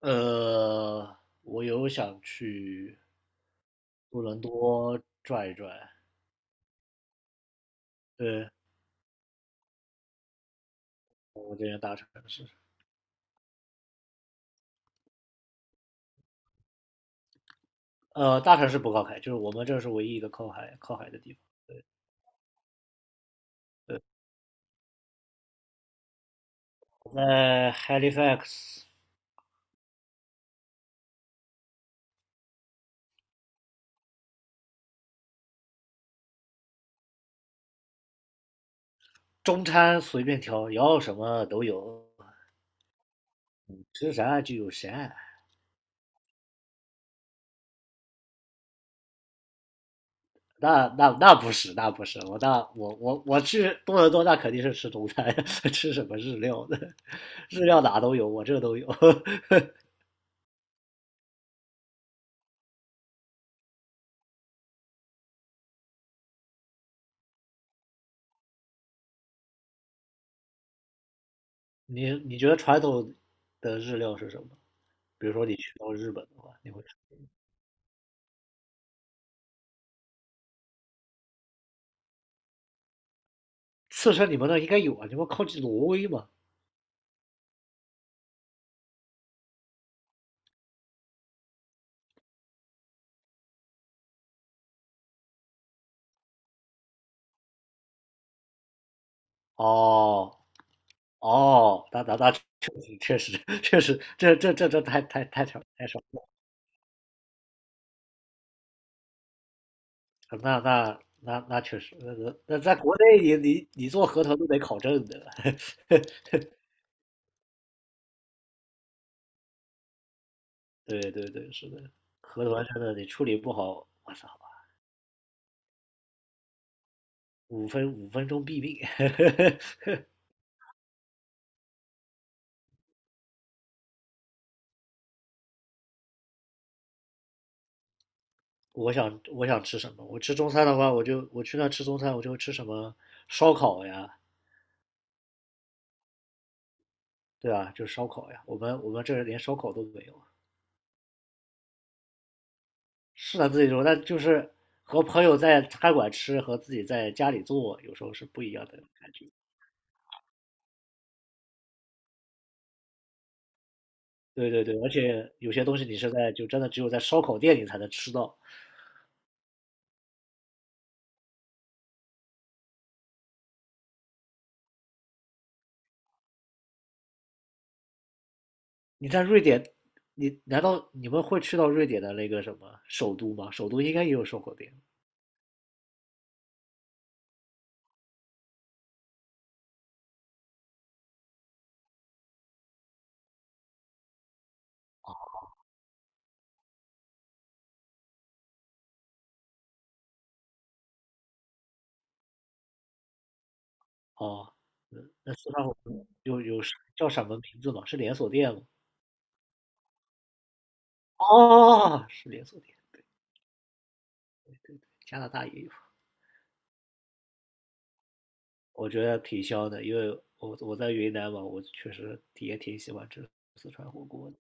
呃，我有想去多伦多转一转，对，我这边大城市，大城市不靠海，就是我们这是唯一一个靠海的地方。我在 Halifax 中餐随便挑，要什么都有，吃啥就有啥。那不是，我去多伦多，那肯定是吃中餐，吃什么日料的，日料哪都有，我这都有。你觉得传统的日料是什么？比如说你去到日本的话，刺身你们那应该有啊，你们靠近挪威嘛？哦哦，那确实，这太少了，那确实，那在国内你做河豚都得考证的，对对对，是的，河豚真的你处理不好，我操，五分钟毙命。我想吃什么？我吃中餐的话，我去那吃中餐，我就吃什么烧烤呀，对啊，就是烧烤呀。我们这儿连烧烤都没有啊，是他自己做，但就是和朋友在餐馆吃和自己在家里做，有时候是不一样的感觉。对对对，而且有些东西你是在就真的只有在烧烤店里才能吃到。你在瑞典，你难道你们会去到瑞典的那个什么首都吗？首都应该也有烧烤店哦。那四川火锅有叫什么名字吗？是连锁店吗？哦，是连锁店，加拿大也有。我觉得挺香的，因为我在云南嘛，我确实也挺喜欢吃四川火锅的。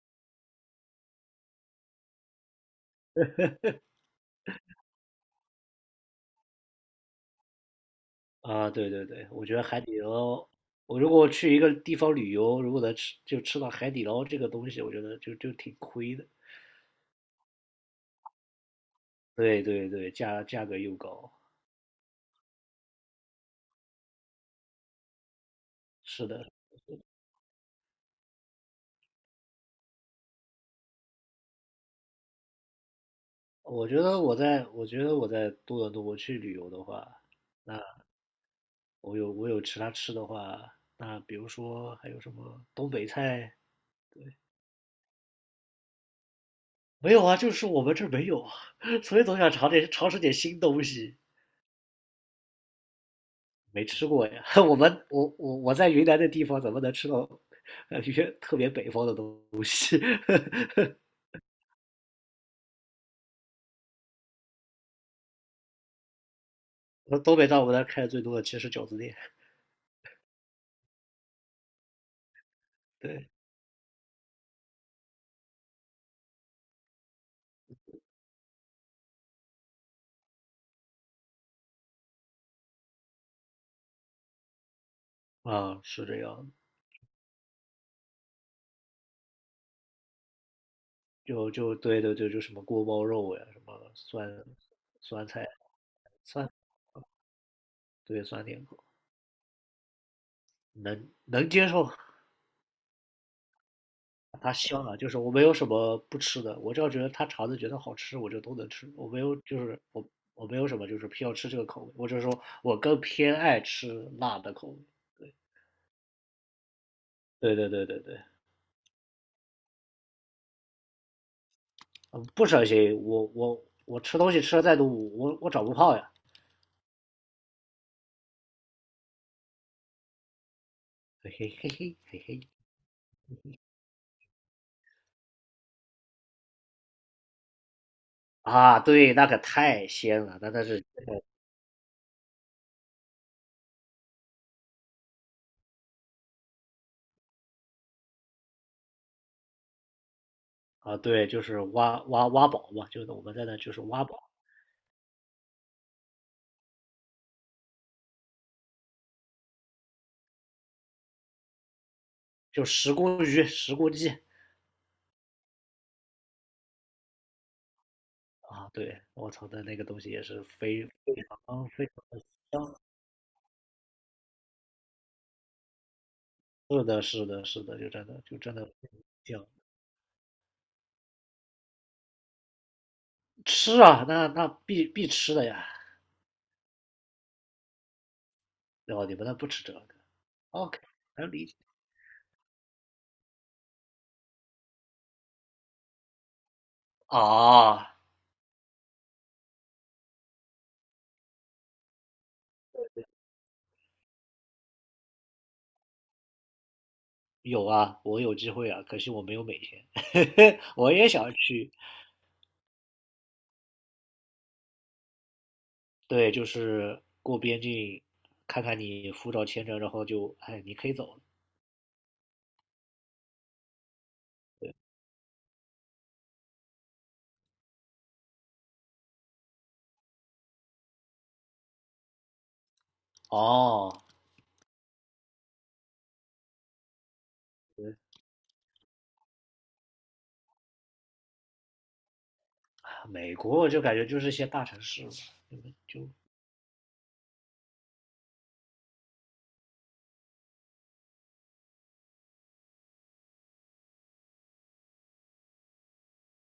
啊，对对对，我觉得海底捞，我如果去一个地方旅游，如果能吃就吃到海底捞这个东西，我觉得就挺亏的。对对对，价格又高。是的，我觉得我在多伦多我去旅游的话，我有其他吃的话，那比如说还有什么东北菜？没有啊，就是我们这儿没有啊，所以总想尝试点新东西。没吃过呀。我们我我我在云南的地方怎么能吃到一些特别北方的东西？东北在我们那儿开的最多的其实是饺子店。对，啊，是这样。就对对对，就什么锅包肉呀，什么酸菜酸，对酸甜口，能接受。它香啊，就是我没有什么不吃的，我只要觉得他肠子觉得好吃，我就都能吃。我没有，就是我没有什么就是偏要吃这个口味，我只是说我更偏爱吃辣的口味。对对对对对对，嗯，不省心。我吃东西吃的再多，我长不胖呀。嘿嘿嘿嘿。啊，对，那可太鲜了，那是啊，对，就是挖宝嘛，就是我们在那就是挖宝，就石锅鱼、石锅鸡，啊，对，我操的那个东西也是非常非常的香。是的，是的，是的，就真的香。吃啊，那必吃的呀。哦，你们那不吃这个？OK，能理解啊。有啊，我有机会啊，可惜我没有美签。我也想去，对，就是过边境，看看你护照、签证，然后就，哎，你可以走了。哦，美国我就感觉就是一些大城市嘛，你们就，是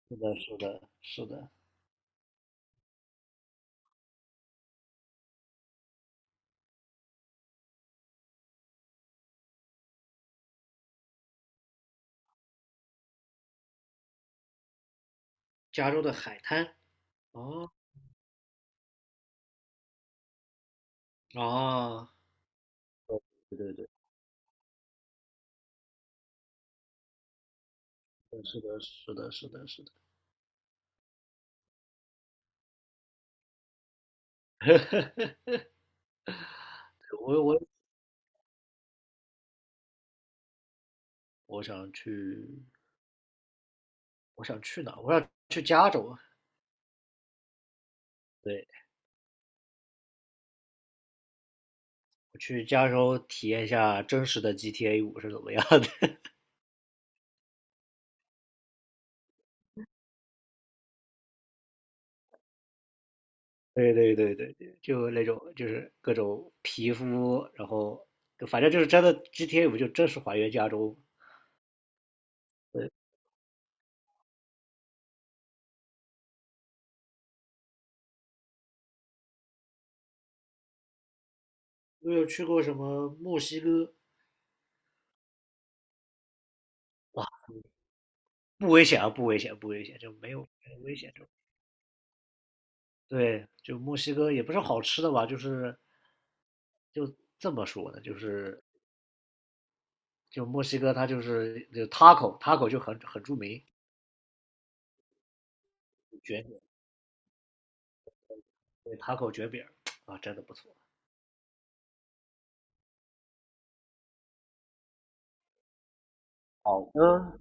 的，是的，是的。加州的海滩。哦哦，对对对，是的，是的，是的，是的。我我我想去，我想去哪我想去加州啊。对，我去加州体验一下真实的 GTA 五是怎么样的。对对对对对，就那种就是各种皮肤，然后反正就是真的 GTA 五就真实还原加州。我有去过什么墨西哥？哇，不危险啊，不危险，不危险，就没有没有危险。对，就墨西哥也不是好吃的吧，就是就这么说的，就是就墨西哥它就是就 taco，taco 就很著名，卷饼，对，taco 卷饼啊，真的不错。好的。